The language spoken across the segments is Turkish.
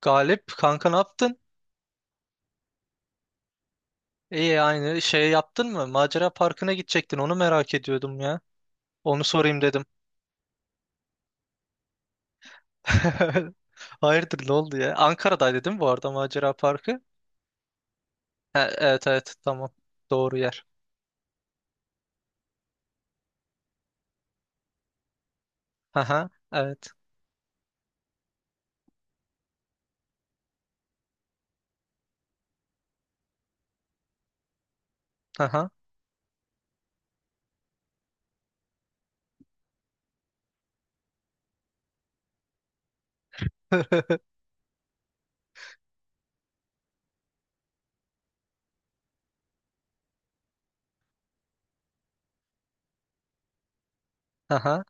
Galip kanka ne yaptın? İyi aynı şey yaptın mı? Macera parkına gidecektin onu merak ediyordum ya. Onu sorayım dedim. Hayırdır ne oldu ya? Ankara'daydı değil mi bu arada macera parkı? Ha, evet evet, tamam. Doğru yer. Haha, evet. Haha. Haha.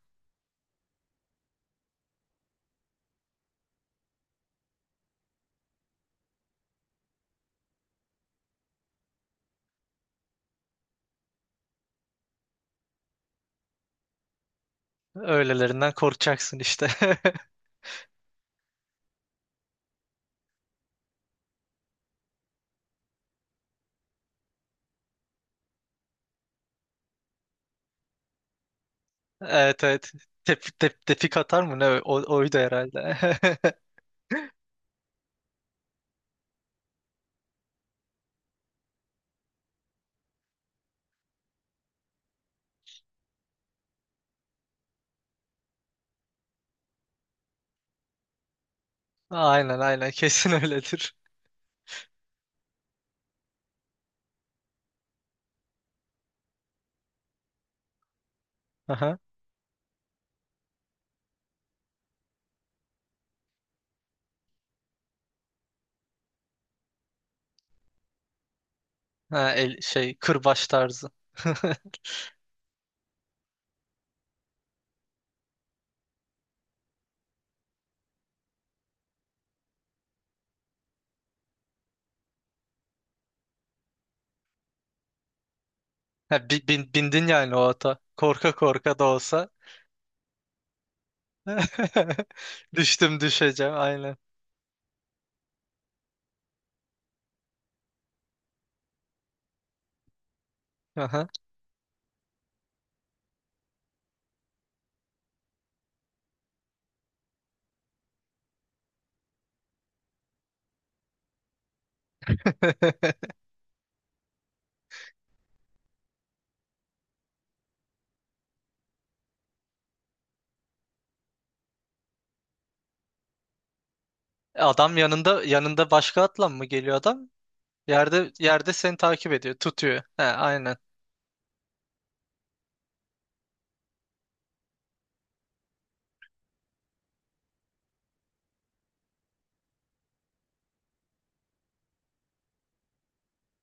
Öylelerinden korkacaksın işte. Evet evet. Tepik atar mı? Ne? O, oydu herhalde. Aynen aynen, kesin öyledir. Aha. Ha, el, şey, kırbaç tarzı. Ha, bindin yani o ata. Korka korka da olsa. Düştüm düşeceğim, aynen. Aha. Adam yanında başka atla mı geliyor adam? Yerde seni takip ediyor, tutuyor. Ha, aynen.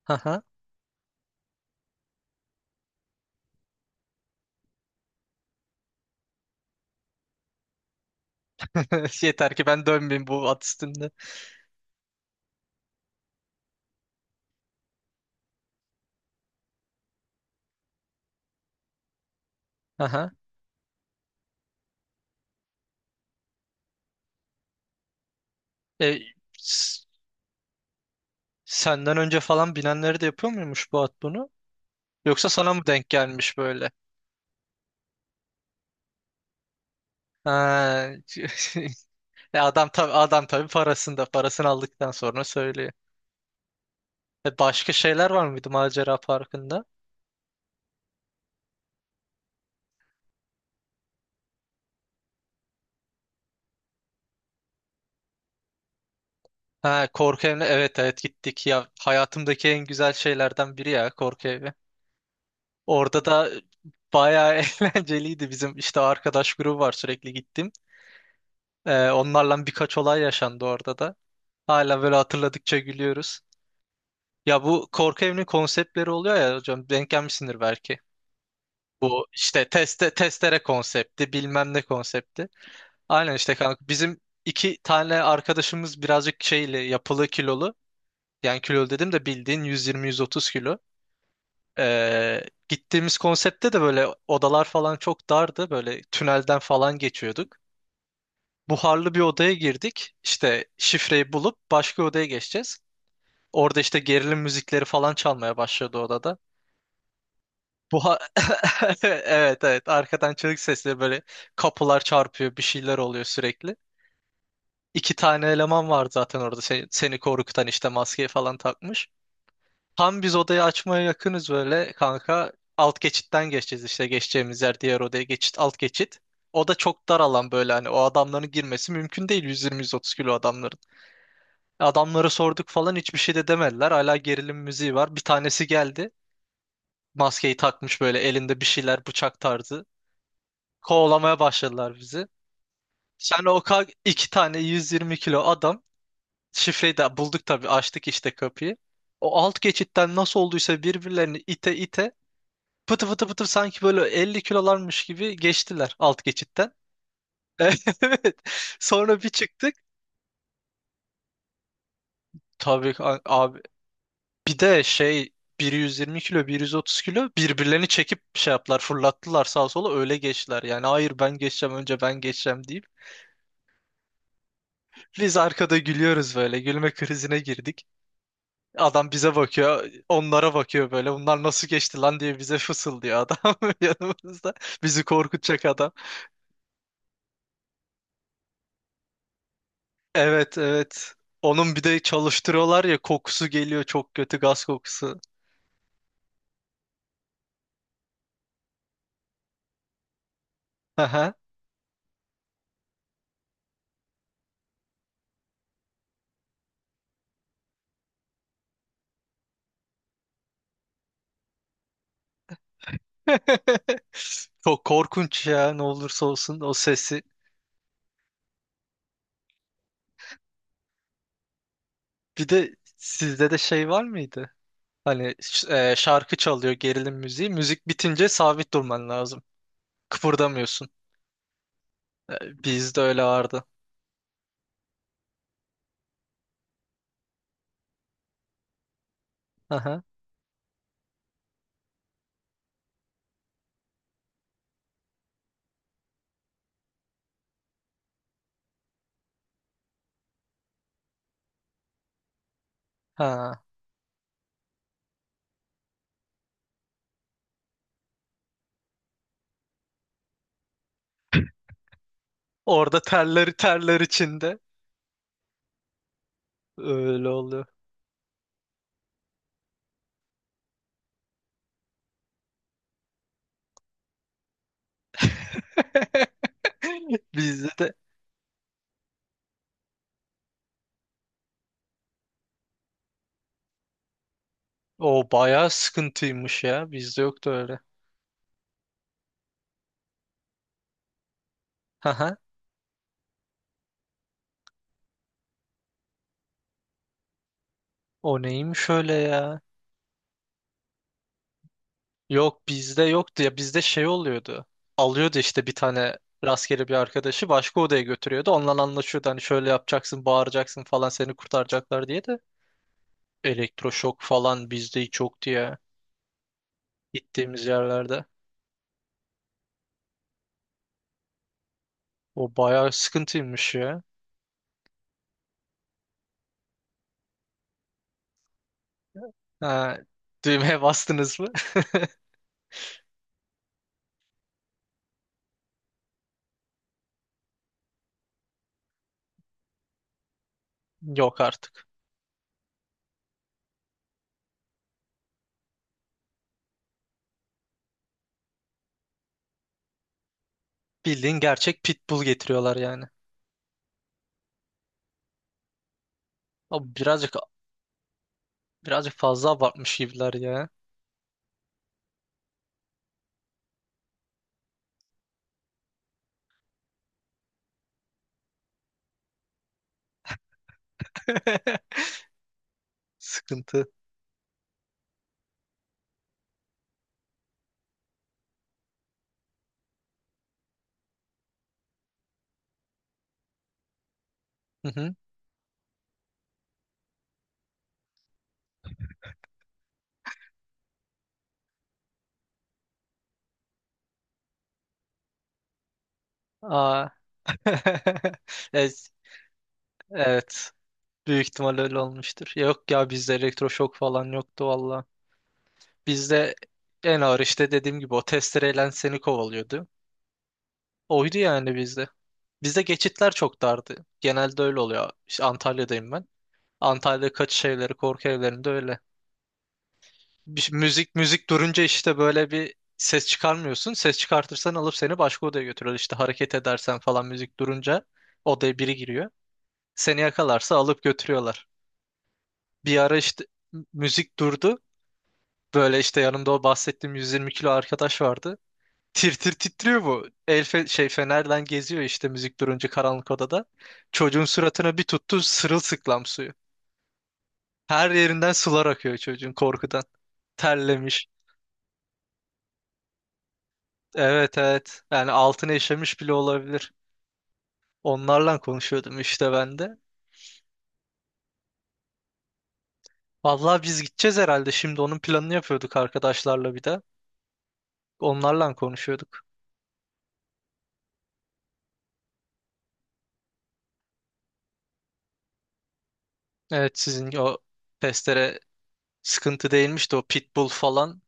Aha. Yeter ki ben dönmeyeyim bu at üstünde. Aha. E, s- senden önce falan binenleri de yapıyor muymuş bu at bunu? Yoksa sana mı denk gelmiş böyle? Ha. E, adam tabii parasını aldıktan sonra söylüyor. E, başka şeyler var mıydı Macera Parkı'nda? Ha, korku evine, evet evet, gittik ya, hayatımdaki en güzel şeylerden biri ya korku evi. Orada da bayağı eğlenceliydi, bizim işte arkadaş grubu var, sürekli gittim. E, onlarla birkaç olay yaşandı orada da. Hala böyle hatırladıkça gülüyoruz. Ya bu korku evinin konseptleri oluyor ya hocam, denk gelmişsindir belki. Bu işte testere konsepti, bilmem ne konsepti. Aynen işte kanka, bizim iki tane arkadaşımız birazcık şeyli, yapılı, kilolu. Yani kilo dedim de bildiğin 120-130 kilo. Ee, Gittiğimiz konseptte de böyle odalar falan çok dardı. Böyle tünelden falan geçiyorduk. Buharlı bir odaya girdik. İşte şifreyi bulup başka odaya geçeceğiz. Orada işte gerilim müzikleri falan çalmaya başladı odada. Buha Evet evet, arkadan çığlık sesleri böyle, kapılar çarpıyor, bir şeyler oluyor sürekli. İki tane eleman var zaten orada, seni korkutan, işte maskeyi falan takmış. Tam biz odayı açmaya yakınız böyle kanka. Alt geçitten geçeceğiz, işte geçeceğimiz yer diğer odaya geçit, alt geçit. O da çok dar alan, böyle hani o adamların girmesi mümkün değil, 120-130 kilo adamların. Adamları sorduk falan, hiçbir şey de demediler. Hala gerilim müziği var. Bir tanesi geldi. Maskeyi takmış, böyle elinde bir şeyler, bıçak tarzı. Kovalamaya başladılar bizi. Sen o iki tane 120 kilo adam, şifreyi de bulduk tabii, açtık işte kapıyı. O alt geçitten nasıl olduysa birbirlerini ite ite, pıtı pıtı pıtı, sanki böyle 50 kilolarmış gibi geçtiler alt geçitten. Evet. Sonra bir çıktık. Tabii ki abi. Bir de şey, 120 kilo 130 kilo birbirlerini çekip şey yaptılar, fırlattılar sağa sola, öyle geçtiler. Yani hayır ben geçeceğim, önce ben geçeceğim deyip. Biz arkada gülüyoruz böyle, gülme krizine girdik. Adam bize bakıyor, onlara bakıyor, böyle bunlar nasıl geçti lan diye bize fısıldıyor adam yanımızda. Bizi korkutacak. Evet evet. Onun bir de çalıştırıyorlar ya, kokusu geliyor, çok kötü gaz kokusu. Aha. Çok korkunç ya, ne olursa olsun o sesi. Bir de sizde de şey var mıydı? Hani şarkı çalıyor, gerilim müziği. Müzik bitince sabit durman lazım. Kıpırdamıyorsun. E, bizde öyle vardı. Aha. Ha. Orada terler terler içinde. Öyle oluyor. Bizde de o bayağı sıkıntıymış ya. Bizde yoktu öyle. O neymiş öyle ya? Yok, bizde yoktu ya, bizde şey oluyordu. Alıyordu işte bir tane rastgele bir arkadaşı başka odaya götürüyordu. Onunla anlaşıyordu, hani şöyle yapacaksın, bağıracaksın falan, seni kurtaracaklar diye de. Elektroşok falan bizde hiç yoktu ya gittiğimiz yerlerde. O bayağı sıkıntıymış ya. Ha, düğmeye bastınız mı? Yok artık. Bildiğin gerçek pitbull getiriyorlar yani. Abi birazcık fazla abartmış gibiler ya. Sıkıntı. Hı hı. Aa. Ez- Evet. Büyük ihtimal öyle olmuştur. Yok ya, bizde elektroşok falan yoktu valla. Bizde en ağır, işte dediğim gibi, o testereyle seni kovalıyordu. Oydu yani bizde. Bizde geçitler çok dardı. Genelde öyle oluyor. İşte Antalya'dayım ben. Antalya kaçış evleri, korku evlerinde öyle. Müzik durunca işte böyle bir ses çıkarmıyorsun. Ses çıkartırsan alıp seni başka odaya götürüyor. İşte hareket edersen falan, müzik durunca odaya biri giriyor. Seni yakalarsa alıp götürüyorlar. Bir ara işte müzik durdu. Böyle işte yanımda o bahsettiğim 120 kilo arkadaş vardı. Tir tir titriyor bu. El fe- şey Fenerden geziyor işte müzik durunca karanlık odada. Çocuğun suratına bir tuttu sırılsıklam suyu. Her yerinden sular akıyor çocuğun, korkudan. Terlemiş. Evet evet. Yani altına işemiş bile olabilir. Onlarla konuşuyordum işte ben de. Vallahi biz gideceğiz herhalde. Şimdi onun planını yapıyorduk arkadaşlarla bir de. Onlarla konuşuyorduk. Evet, sizin o testere sıkıntı değilmiş de o pitbull falan,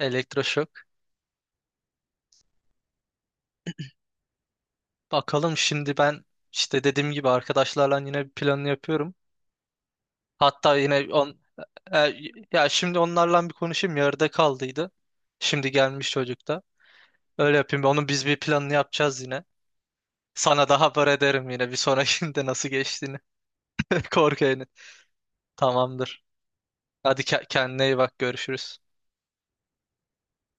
elektroşok. Bakalım, şimdi ben işte dediğim gibi arkadaşlarla yine bir planını yapıyorum. Hatta yine e, ya şimdi onlarla bir konuşayım, yarıda kaldıydı. Şimdi gelmiş çocuk da. Öyle yapayım. Onun biz bir planını yapacağız yine. Sana da haber ederim yine, bir sonrakinde nasıl geçtiğini. Korku yani. Tamamdır. Hadi kendine iyi bak, görüşürüz.